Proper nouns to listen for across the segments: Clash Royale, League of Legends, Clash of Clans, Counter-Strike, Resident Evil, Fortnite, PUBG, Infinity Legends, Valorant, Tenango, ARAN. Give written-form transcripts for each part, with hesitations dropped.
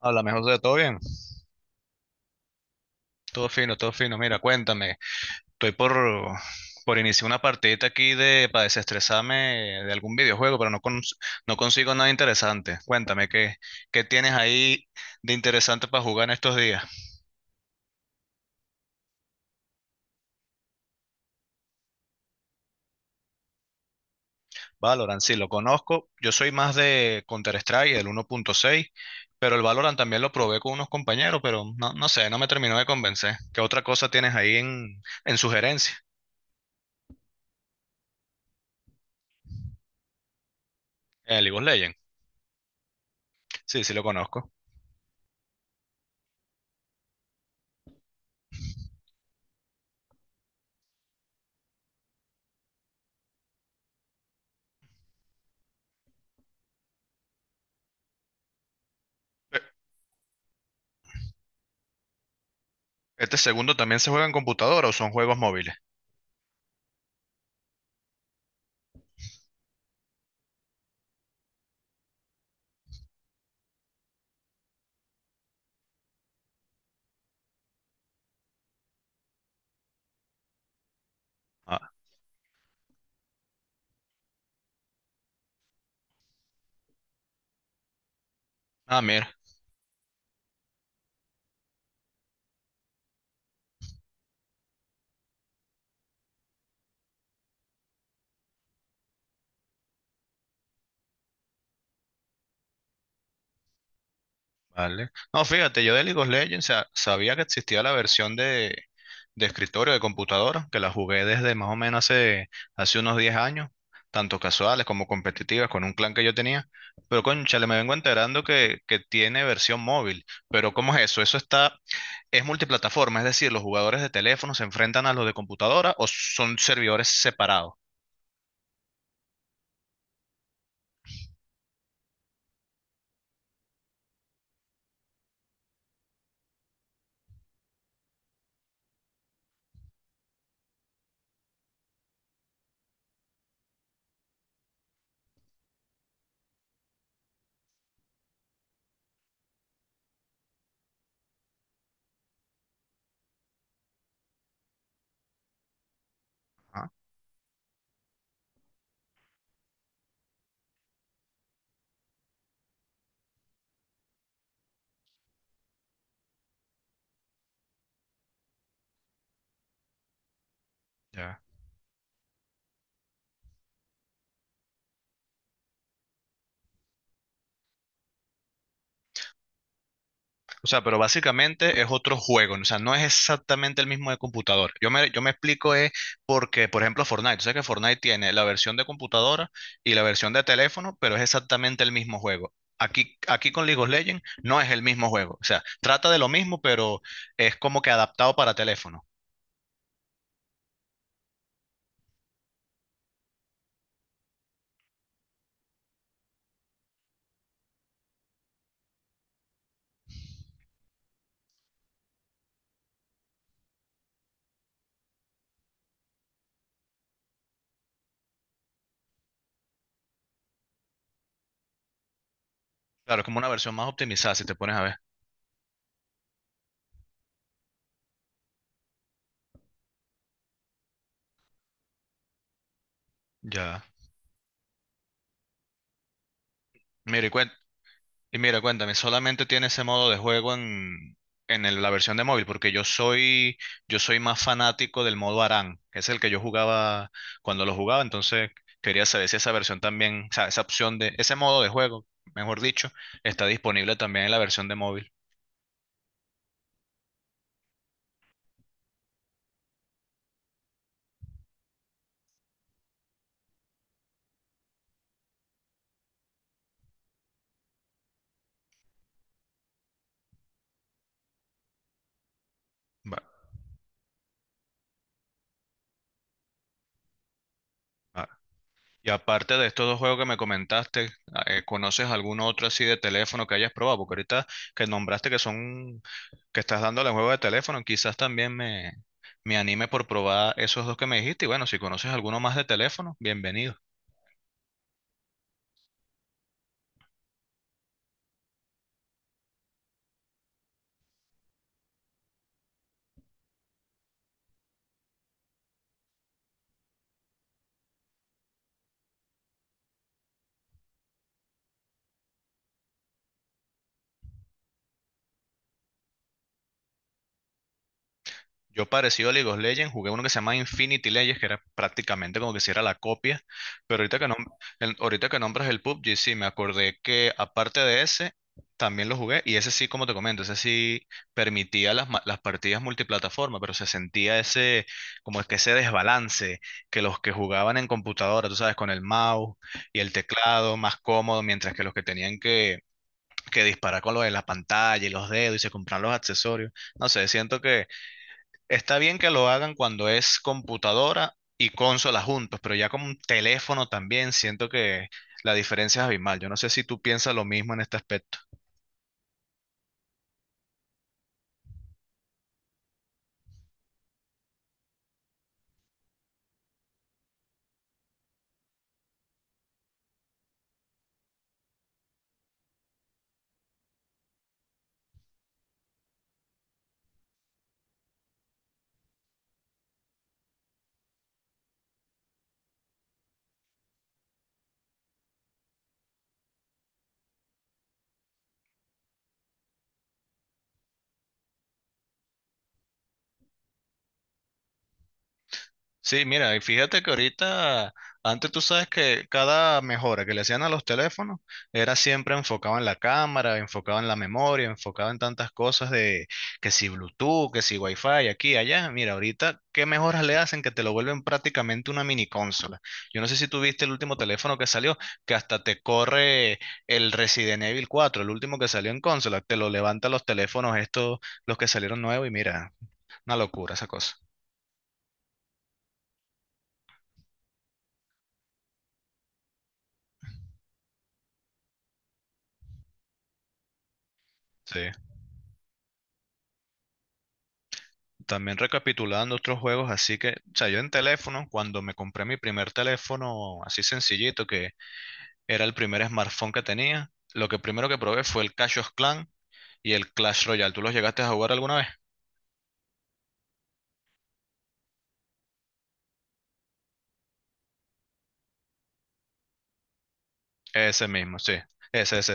Habla mejor de todo bien. Todo fino, todo fino. Mira, cuéntame. Estoy por iniciar una partidita aquí de para desestresarme de algún videojuego, pero no, no consigo nada interesante. Cuéntame, ¿qué tienes ahí de interesante para jugar en estos días? Valorant, sí, lo conozco. Yo soy más de Counter-Strike, el 1.6, pero el Valorant también lo probé con unos compañeros, pero no, no sé, no me terminó de convencer. ¿Qué otra cosa tienes ahí en sugerencia? El League of Legends. Sí, sí, lo conozco. ¿Este segundo también se juega en computadora o son juegos móviles? Ah, ah, mira, vale. No, fíjate, yo de League of Legends sabía que existía la versión de escritorio de computadora, que la jugué desde más o menos hace unos 10 años, tanto casuales como competitivas, con un clan que yo tenía. Pero cónchale, me vengo enterando que tiene versión móvil. Pero ¿cómo es eso? Eso está, es multiplataforma, es decir, los jugadores de teléfono se enfrentan a los de computadora o son servidores separados. Ah, ya. O sea, pero básicamente es otro juego, ¿no? O sea, no es exactamente el mismo de computador. Yo me explico es porque, por ejemplo, Fortnite, tú sabes que Fortnite tiene la versión de computadora y la versión de teléfono, pero es exactamente el mismo juego. Aquí con League of Legends no es el mismo juego, o sea, trata de lo mismo, pero es como que adaptado para teléfono. Claro, es como una versión más optimizada, si te pones a ver. Ya. Mira, y cuéntame. Y mira, cuéntame, ¿solamente tiene ese modo de juego en la versión de móvil? Porque yo soy más fanático del modo ARAN, que es el que yo jugaba cuando lo jugaba, entonces quería saber si esa versión también, o sea, esa opción de, ese modo de juego, mejor dicho, está disponible también en la versión de móvil. Va- va. Y aparte de estos dos juegos que me comentaste, ah, ¿conoces algún otro así de teléfono que hayas probado? Porque ahorita que nombraste que son que estás dándole al juego de teléfono, quizás también me anime por probar esos dos que me dijiste. Y bueno, si conoces alguno más de teléfono, bienvenido. Yo parecido a League of Legends, jugué uno que se llama Infinity Legends, que era prácticamente como que si era la copia, pero ahorita que, ahorita que nombras el PUBG, sí, me acordé que aparte de ese, también lo jugué, y ese sí, como te comento, ese sí permitía las, las partidas multiplataforma, pero se sentía ese, como es que ese desbalance, que los que jugaban en computadora, tú sabes, con el mouse y el teclado más cómodo, mientras que los que tenían que disparar con lo de la pantalla y los dedos y se compraban los accesorios, no sé, siento. Está bien que lo hagan cuando es computadora y consola juntos, pero ya como un teléfono también siento que la diferencia es abismal. Yo no sé si tú piensas lo mismo en este aspecto. Sí, mira, y fíjate que ahorita, antes tú sabes que cada mejora que le hacían a los teléfonos era siempre enfocado en la cámara, enfocado en la memoria, enfocado en tantas cosas de que si Bluetooth, que si Wi-Fi, aquí, allá. Mira, ahorita, ¿qué mejoras le hacen que te lo vuelven prácticamente una mini consola? Yo no sé si tú viste el último teléfono que salió, que hasta te corre el Resident Evil 4, el último que salió en consola, te lo levanta los teléfonos estos, los que salieron nuevos, y mira, una locura esa cosa. Sí. También recapitulando otros juegos, así que, o sea, yo en teléfono, cuando me compré mi primer teléfono así sencillito, que era el primer smartphone que tenía, lo que primero que probé fue el Clash of Clans y el Clash Royale. ¿Tú los llegaste a jugar alguna vez? Ese mismo, sí. Ese, ese,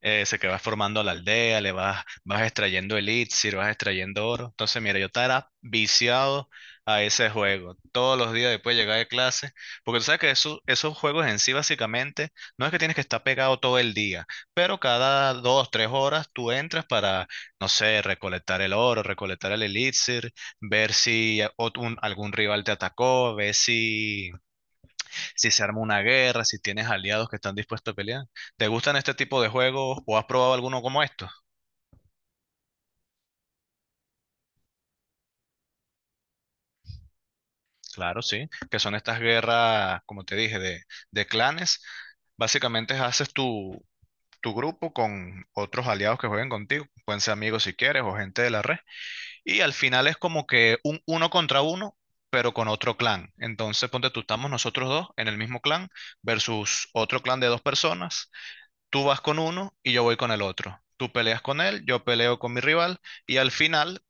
ese que vas formando la aldea, le vas, vas extrayendo elixir, vas extrayendo oro. Entonces, mira, yo estaba viciado a ese juego. Todos los días después de llegar de clase, porque tú sabes que esos juegos en sí básicamente no es que tienes que estar pegado todo el día, pero cada dos, tres horas tú entras para, no sé, recolectar el oro, recolectar el elixir, ver si algún rival te atacó, ver si se arma una guerra, si tienes aliados que están dispuestos a pelear. ¿Te gustan este tipo de juegos o has probado alguno como estos? Claro, sí, que son estas guerras, como te dije, de clanes. Básicamente haces tu grupo con otros aliados que jueguen contigo, pueden ser amigos si quieres o gente de la red, y al final es como que un uno contra uno, pero con otro clan. Entonces, ponte tú, estamos nosotros dos en el mismo clan versus otro clan de dos personas. Tú vas con uno y yo voy con el otro. Tú peleas con él, yo peleo con mi rival y al final,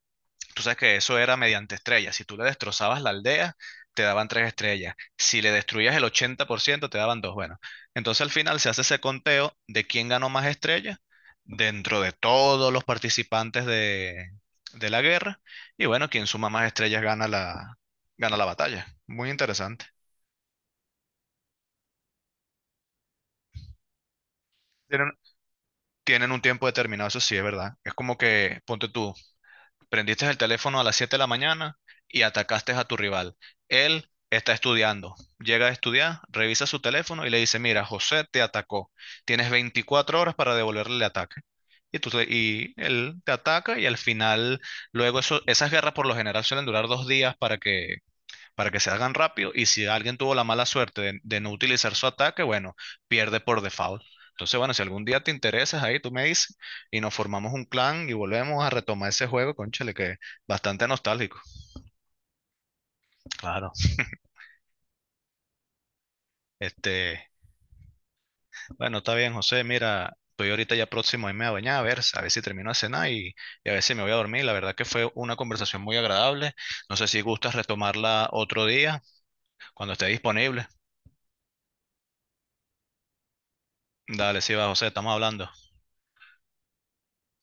tú sabes que eso era mediante estrellas. Si tú le destrozabas la aldea, te daban tres estrellas. Si le destruías el 80%, te daban dos. Bueno, entonces al final se hace ese conteo de quién ganó más estrellas dentro de todos los participantes de la guerra. Y bueno, quien suma más estrellas gana la batalla. Muy interesante. Tienen, tienen un tiempo determinado, eso sí es verdad. Es como que, ponte tú, prendiste el teléfono a las 7 de la mañana y atacaste a tu rival. Él está estudiando. Llega a estudiar, revisa su teléfono y le dice, mira, José te atacó. Tienes 24 horas para devolverle el ataque. Y, tú te- y él te ataca y al final, luego eso, esas guerras por lo general suelen durar 2 días para que se hagan rápido. Y si alguien tuvo la mala suerte de no utilizar su ataque, bueno, pierde por default. Entonces, bueno, si algún día te interesas ahí, tú me dices y nos formamos un clan y volvemos a retomar ese juego, cónchale que es bastante nostálgico. Claro. Este, bueno, está bien, José, mira, estoy ahorita ya próximo a irme a bañar, a ver si termino de cenar y a ver si me voy a dormir. La verdad que fue una conversación muy agradable. No sé si gustas retomarla otro día, cuando esté disponible. Dale, sí va, José, estamos hablando.